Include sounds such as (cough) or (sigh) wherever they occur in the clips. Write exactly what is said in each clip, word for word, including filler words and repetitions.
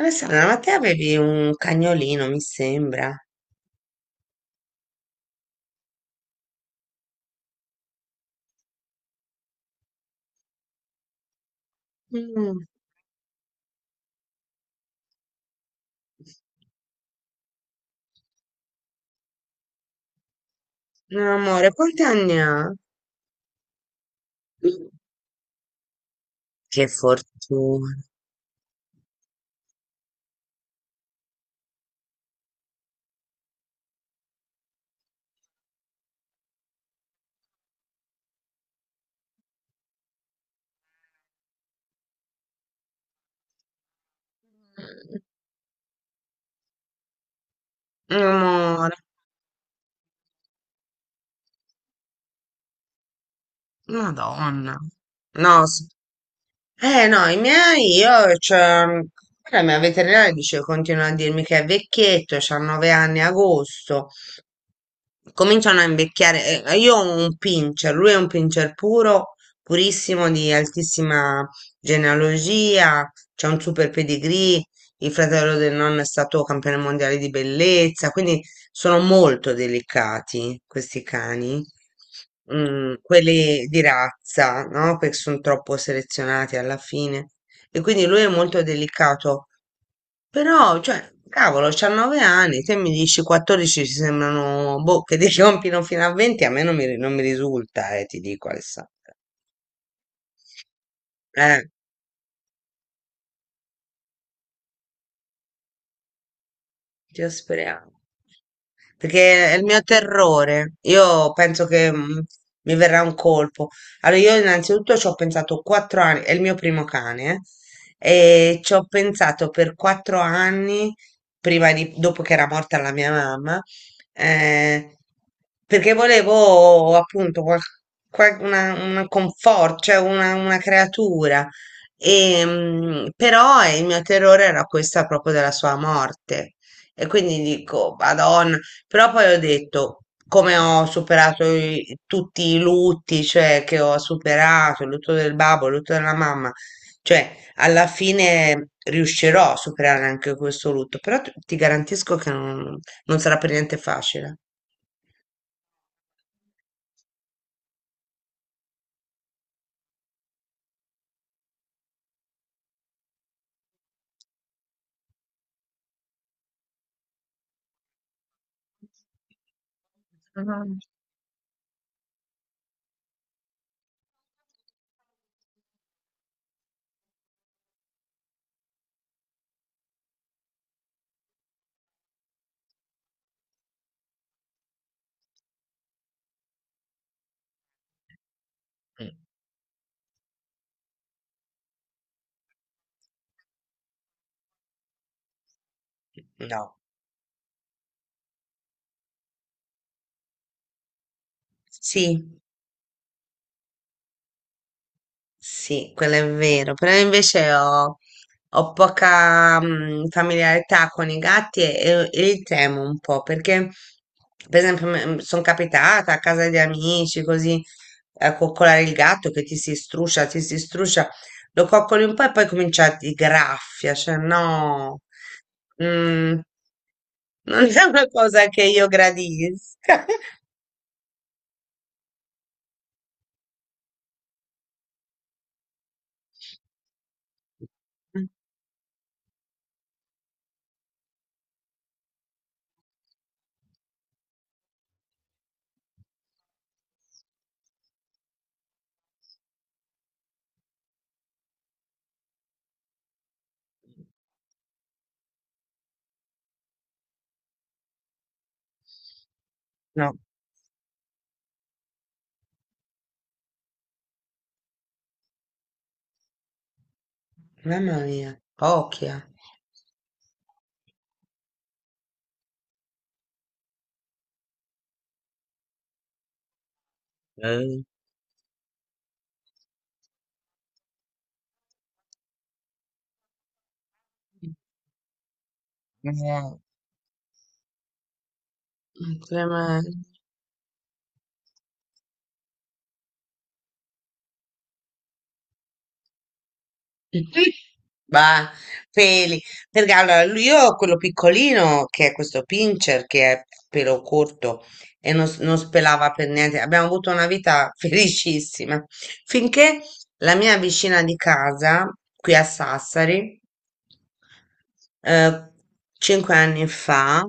Alessandra, ma te avevi un cagnolino, mi sembra. Mm. Amore, quanti anni ha? Che fortuna. Amore, Madonna. No, s- eh no, i miei, io, cioè, guarda, la mia veterinaria dice, continua a dirmi che è vecchietto, c'ha nove anni a agosto. Cominciano a invecchiare. eh, eh, Io ho un pincher, lui è un pincher puro, purissimo, di altissima genealogia, c'è un super pedigree, il fratello del nonno è stato campione mondiale di bellezza, quindi sono molto delicati questi cani. Mm, quelli di razza, no? Perché sono troppo selezionati alla fine. E quindi lui è molto delicato, però, cioè, cavolo, c'ha nove anni, te mi dici quattordici ci sembrano, boh, che ti (laughs) compino fino a venti, a me non mi, non mi risulta, eh, ti dico, Alessandra. Eh, ci speriamo. Perché è il mio terrore. Io penso che mm, mi verrà un colpo. Allora, io innanzitutto ci ho pensato quattro anni, è il mio primo cane, eh, e ci ho pensato per quattro anni, prima di, dopo che era morta la mia mamma, eh, perché volevo appunto qual- qual- una, una confort, cioè una, una creatura. E, mm, però eh, il mio terrore era questa proprio della sua morte. E quindi dico, Madonna, però poi ho detto, come ho superato i- tutti i lutti, cioè che ho superato, il lutto del babbo, il lutto della mamma, cioè alla fine riuscirò a superare anche questo lutto, però t- ti garantisco che non, non sarà per niente facile. Mhm. Mm. No. Sì. Sì, quello è vero, però invece ho, ho poca mm, familiarità con i gatti e, e li temo un po' perché, per esempio, sono capitata a casa di amici così a coccolare il gatto che ti si struscia, ti si struscia, lo coccoli un po' e poi comincia a ti graffia, cioè no, mm, non è una cosa che io gradisca. (laughs) No, mamma mia, occhia. Eh. Clemen. Bah, peli. (laughs) Perché allora lui- io ho quello piccolino che è questo pincher che è pelo corto e non, s- non spelava per niente. Abbiamo avuto una vita (laughs) felicissima finché la mia vicina di casa, qui a Sassari, eh, cinque anni fa.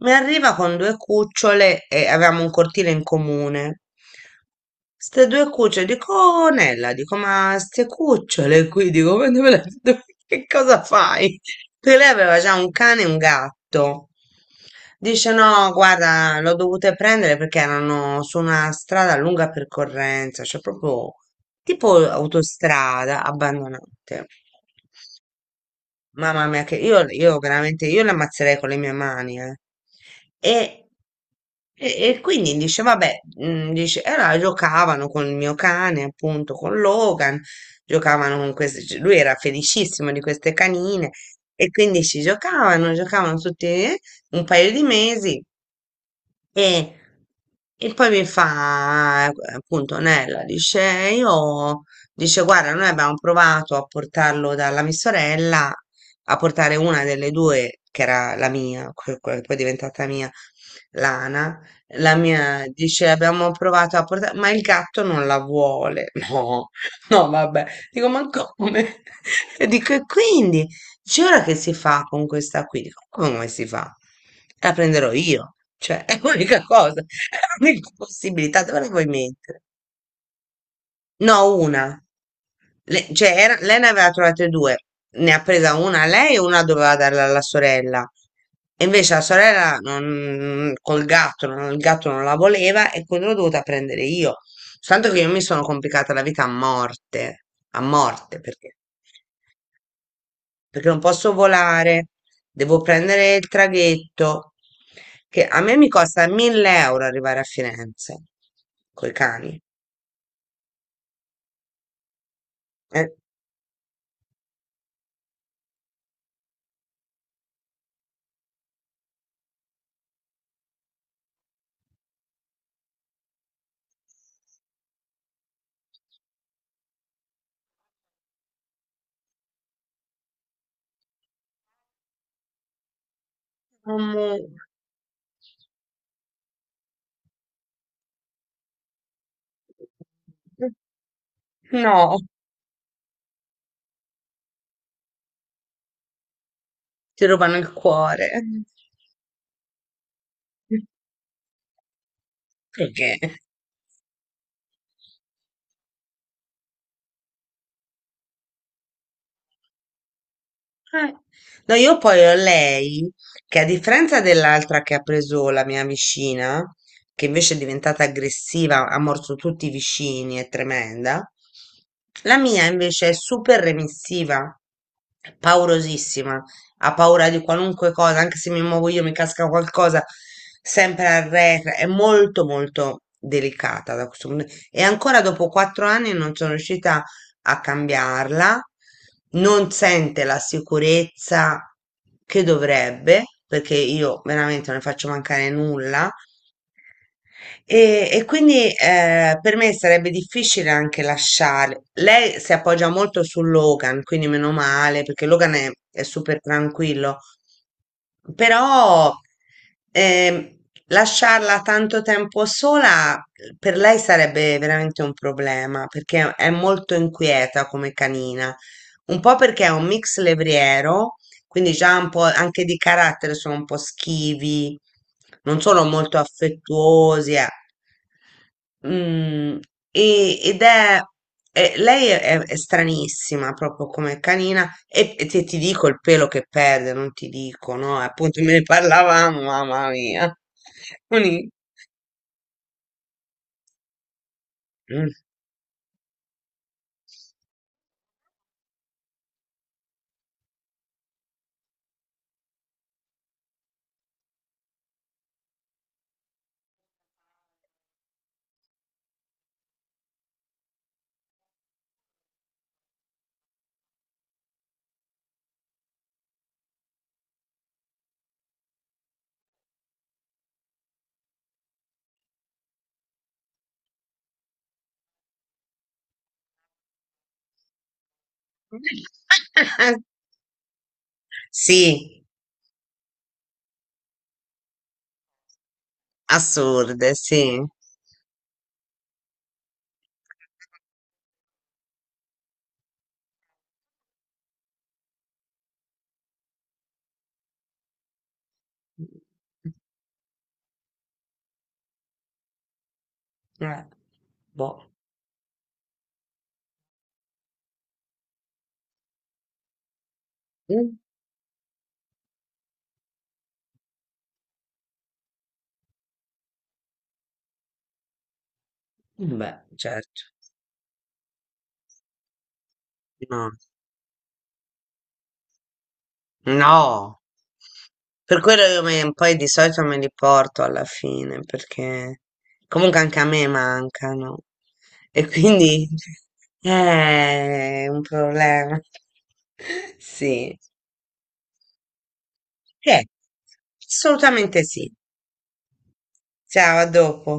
Mi arriva con due cucciole e avevamo un cortile in comune. Ste due cucciole, dico, "Oh, Nella, dico, ma ste cucciole qui, dico, ma dove le- dove- che cosa fai? Perché lei aveva già un cane e un gatto. Dice, no, guarda, l'ho dovute prendere perché erano su una strada a lunga percorrenza, cioè proprio tipo autostrada, abbandonate. Mamma mia, che io, io veramente, io le ammazzerei con le mie mani, eh. E, e- e quindi dice, vabbè, mm, dice, e allora giocavano con il mio cane, appunto, con Logan, giocavano con queste, cioè, lui era felicissimo di queste canine, e quindi ci giocavano, giocavano tutti, eh, un paio di mesi, e, e poi mi fa, eh, appunto, Nella dice, io, dice, guarda, noi abbiamo provato a portarlo dalla mia sorella, a portare una delle due, che era la mia, que- quella che poi è diventata mia, Lana, la mia, dice, abbiamo provato a portare, ma il gatto non la vuole. (laughs) No, no, vabbè. Dico, ma come? (laughs) E dico, e quindi? Dice, ora che si fa con questa qui? Dico, come si fa? La prenderò io, cioè è l'unica cosa, (laughs) è l'unica possibilità, dove la vuoi mettere? No, una. Le- cioè, era- lei ne aveva trovate due, ne ha presa una a lei e una doveva darla alla sorella. E invece la sorella non- col gatto, non- il gatto non la voleva e quindi l'ho dovuta prendere io. Tanto che io mi sono complicata la vita a morte, a morte perché perché non posso volare, devo prendere il traghetto, che a me mi costa mille euro arrivare a Firenze, coi cani. Eh, amore, no, ti rubano il cuore. Perché? Eh, No, io poi ho lei, che a differenza dell'altra che ha preso la mia vicina, che invece è diventata aggressiva, ha morso tutti i vicini, è tremenda, la mia invece è super remissiva, paurosissima, ha paura di qualunque cosa, anche se mi muovo io mi casca qualcosa, sempre arretra, è molto molto delicata da questo punto. E ancora dopo quattro anni non sono riuscita a cambiarla, non sente la sicurezza che dovrebbe, perché io veramente non ne faccio mancare nulla, e, e quindi, eh, per me sarebbe difficile anche lasciare. Lei si appoggia molto su Logan, quindi meno male, perché Logan è, è super tranquillo. Però ehm, lasciarla tanto tempo sola per lei sarebbe veramente un problema, perché è molto inquieta come canina. Un po' perché è un mix levriero, quindi già un po' anche di carattere sono un po' schivi, non sono molto affettuosi. eh. Mm, e- Ed è, è- lei è, è stranissima proprio come canina, e, e ti, ti dico il pelo che perde, non ti dico, no? eh, Appunto me ne parlavamo, mamma mia. Uni- Mm. (laughs) Sì, assurde, sì. Eh, boh. Mm. Beh, certo. No. No, per quello io me, poi di solito me li porto alla fine, perché comunque anche a me mancano. E quindi (laughs) è un problema. (laughs) Sì, eh, assolutamente sì. Ciao, a dopo.